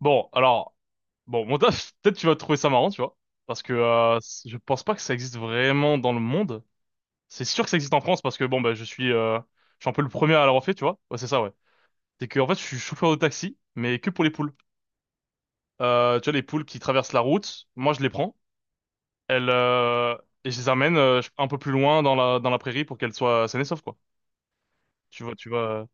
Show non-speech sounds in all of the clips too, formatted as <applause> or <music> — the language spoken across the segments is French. Bon, alors, bon, mon taf, <laughs> peut-être tu vas trouver ça marrant, tu vois, parce que je pense pas que ça existe vraiment dans le monde. C'est sûr que ça existe en France parce que bon, bah, je suis un peu le premier à l'avoir fait, tu vois. Ouais, c'est ça, ouais. C'est que en fait, je suis chauffeur de taxi, mais que pour les poules. Tu vois, les poules qui traversent la route, moi, je les prends, elles, et je les amène un peu plus loin dans la prairie pour qu'elles soient saines et sauves, quoi. Tu vois, tu vois. Euh,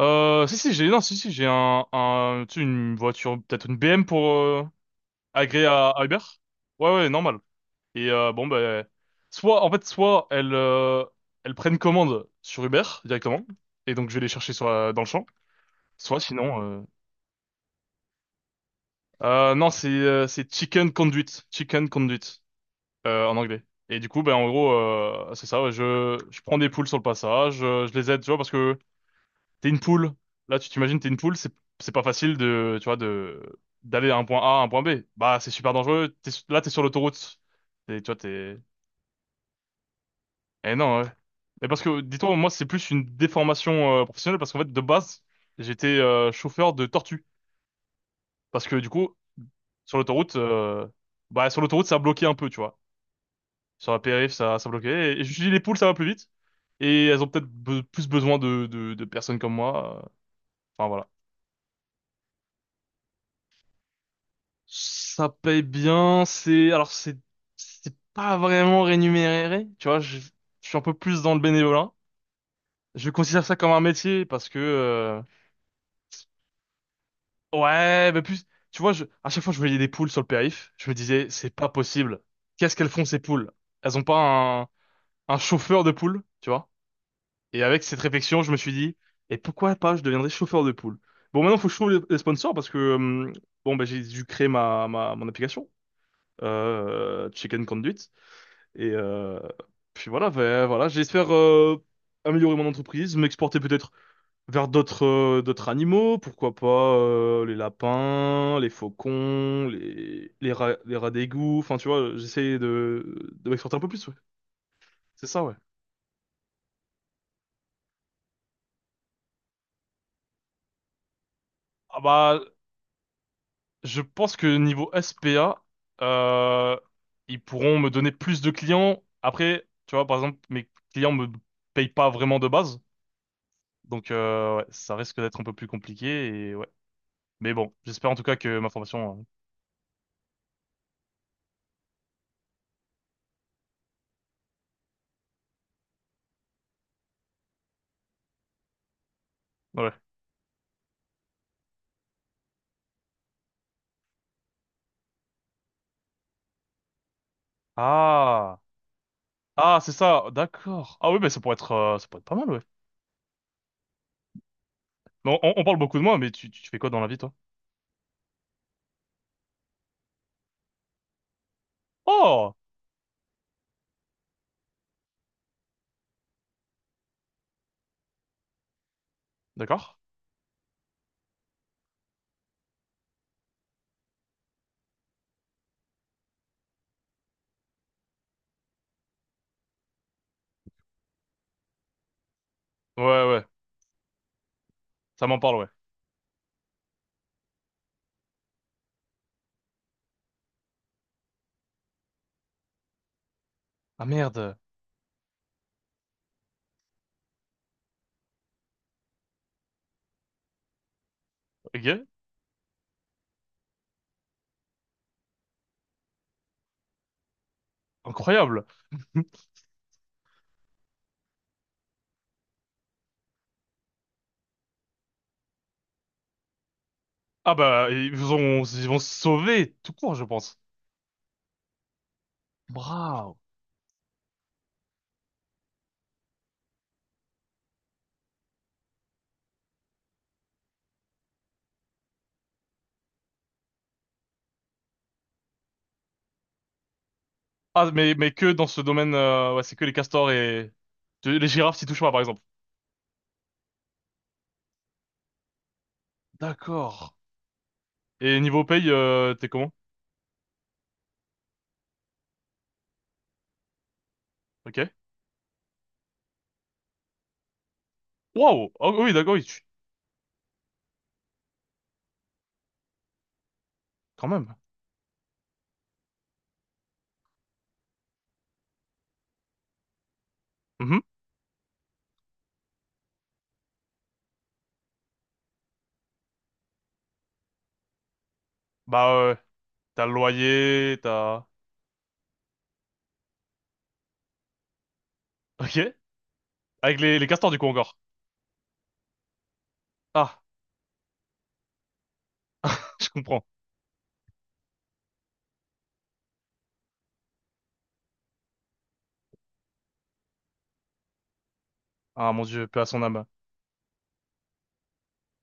Euh, Si, si, non, si, si, j'ai tu sais, une voiture, peut-être une BM pour agréer à Uber. Ouais, ouais, normal. Et bon, ben, soit, en fait, soit elles prennent commande sur Uber directement, et donc je vais les chercher dans le champ, soit sinon, non, c'est Chicken Conduit, Chicken Conduit en anglais. Et du coup, ben en gros, c'est ça. Ouais, je prends des poules sur le passage, je les aide, tu vois, parce que t'es une poule. Là, tu t'imagines, t'es une poule, c'est pas facile de, tu vois, de d'aller à un point A à un point B. Bah, c'est super dangereux. T'es, là, t'es sur l'autoroute. Tu vois, t'es eh non, ouais. Mais parce que, dis-toi, moi, c'est plus une déformation professionnelle parce qu'en fait, de base, j'étais chauffeur de tortue. Parce que, du coup, sur l'autoroute, euh, sur l'autoroute, ça bloquait un peu, tu vois. Sur la périph', ça bloquait. Et, je me suis dit, les poules, ça va plus vite. Et elles ont peut-être plus besoin de personnes comme moi. Enfin, voilà. Ça paye bien. Alors, c'est pas vraiment rémunéré, tu vois. Je suis un peu plus dans le bénévolat. Je considère ça comme un métier parce que. Ouais, mais plus, tu vois, à chaque fois que je voyais des poules sur le périph, je me disais, c'est pas possible. Qu'est-ce qu'elles font ces poules? Elles ont pas un chauffeur de poules, tu vois? Et avec cette réflexion, je me suis dit, et pourquoi pas, je deviendrais chauffeur de poules. Bon, maintenant, faut que je trouve les sponsors parce que, bon, bah, j'ai dû créer mon application, Chicken Conduit. Et, puis voilà, bah, voilà, j'espère, améliorer mon entreprise, m'exporter peut-être vers d'autres animaux, pourquoi pas les lapins, les faucons, les rats, les rats d'égout. Enfin, tu vois, j'essaie de m'exporter un peu plus. Ouais. C'est ça, ouais. Ah bah, je pense que niveau SPA, euh, ils pourront me donner plus de clients. Après, tu vois, par exemple, mes clients me payent pas vraiment de base. Donc, ouais, ça risque d'être un peu plus compliqué et ouais. Mais bon, j'espère en tout cas que ma formation, ouais. Ah! Ah, c'est ça, d'accord. Ah oui, mais ça pourrait être pas mal, ouais. Mais on parle beaucoup de moi, mais tu fais quoi dans la vie, toi? Oh, d'accord. Ouais, ouais, ça m'en parle, ouais. Ah merde. Ok, incroyable. <laughs> Ah bah, ils vont se sauver tout court, je pense. Bravo. Ah, mais que dans ce domaine, ouais, c'est que les castors et les girafes s'y touchent pas, par exemple. D'accord. Et niveau paye, t'es comment? Ok. Waouh. Oh, oui, d'accord, oui, quand même. Mhm. Bah, ouais. T'as le loyer, t'as. Ok. Avec les castors, du coup, encore. Ah, <laughs> je comprends. Ah, mon Dieu, paix à son âme.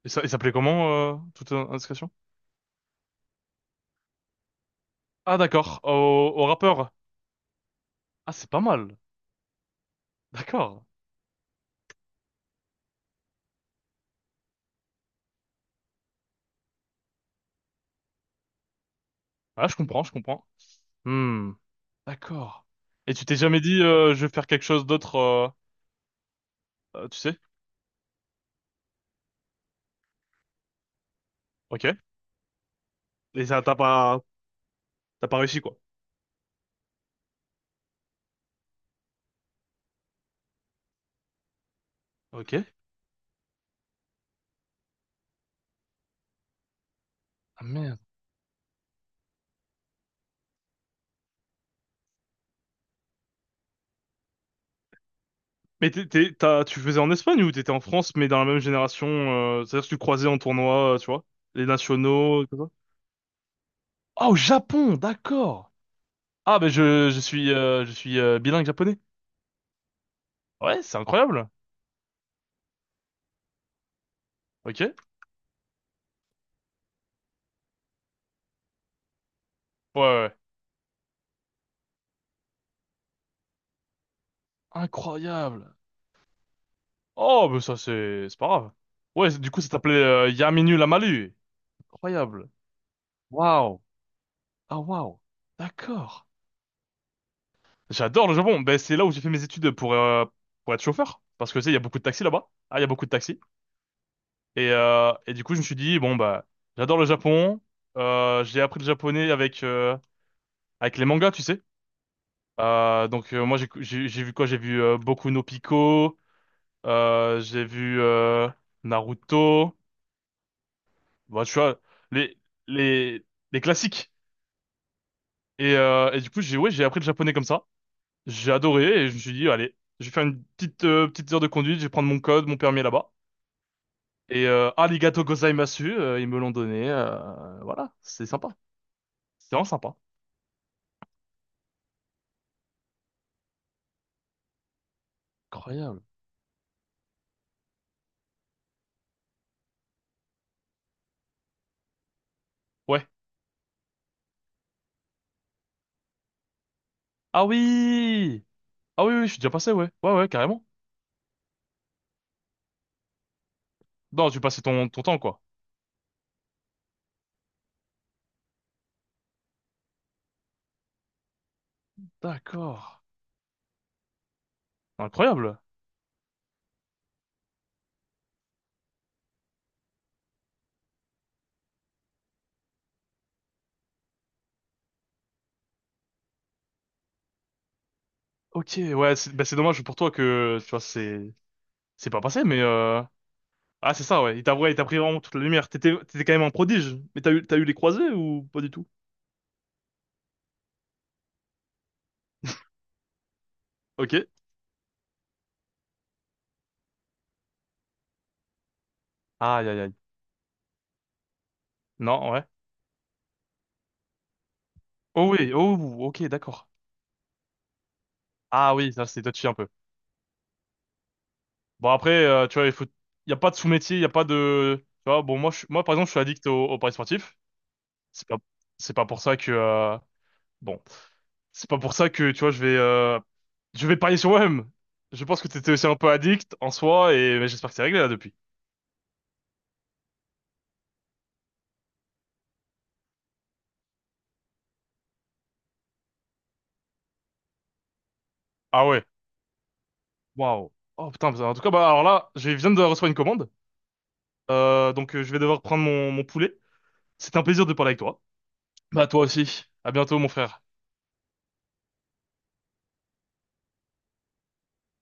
Et ça, il s'appelait comment, toute indiscrétion? Ah, d'accord. Au rappeur. Ah, c'est pas mal. D'accord. Ah, je comprends, je comprends. Hmm. D'accord. Et tu t'es jamais dit, je vais faire quelque chose d'autre, tu sais? Ok. Et ça, t'as pas réussi, quoi. Ok. Ah, merde. Mais tu faisais en Espagne ou t'étais en France, mais dans la même génération, c'est-à-dire que tu croisais en tournoi, tu vois? Les nationaux, et tout ça? Ah, au Japon, d'accord. Ah, mais je suis bilingue japonais. Ouais, c'est incroyable. Ok. Ouais, ouais. Incroyable. Oh, mais ça, c'est pas grave. Ouais, du coup, ça s'appelait Yaminu Lamalu. Incroyable. Waouh. Ah, waouh. D'accord. J'adore le Japon. Ben, c'est là où j'ai fait mes études pour être chauffeur. Parce que, tu sais, il y a beaucoup de taxis là-bas. Ah, il y a beaucoup de taxis. Et du coup, je me suis dit, bon, bah, j'adore le Japon. J'ai appris le japonais avec les mangas, tu sais. Donc, moi j'ai vu quoi? J'ai vu Boku no Pico, j'ai vu Naruto, bah, tu vois les les les classiques. Et du coup j'ai ouais j'ai appris le japonais comme ça. J'ai adoré et je me suis dit allez je vais faire une petite heure de conduite, je vais prendre mon code, mon permis là-bas. Et arigato gozaimasu, ils me l'ont donné. Voilà, c'est sympa, c'est vraiment sympa. Incroyable. Ouais. Ah oui, ah oui oui je suis déjà passé ouais ouais ouais carrément. Non tu passais ton temps quoi. D'accord. Incroyable. Ok, ouais, c'est bah, c'est dommage pour toi que, tu vois, c'est pas passé, mais. Ah, c'est ça, ouais. Il t'a ouais, il t'a pris vraiment toute la lumière. T'étais quand même un prodige. Mais t'as eu les croisés ou pas du tout? Ok. Aïe, aïe, aïe. Non, ouais. Oh oui, oh, ok, d'accord. Ah oui, ça, c'est touchy un peu. Bon, après, tu vois, il faut. Il y a pas de sous-métier, il y a pas de. Tu vois, bon, moi, moi par exemple, je suis addict au paris sportif. C'est pas... C'est pas pour ça que. Bon, c'est pas pour ça que, tu vois, je vais parier sur moi-même. Je pense que t'étais aussi un peu addict en soi et mais j'espère que c'est réglé là depuis. Ah ouais, waouh. Oh putain, en tout cas, bah alors là, je viens de recevoir une commande, donc je vais devoir prendre mon poulet. C'est un plaisir de parler avec toi. Bah toi aussi. À bientôt, mon frère.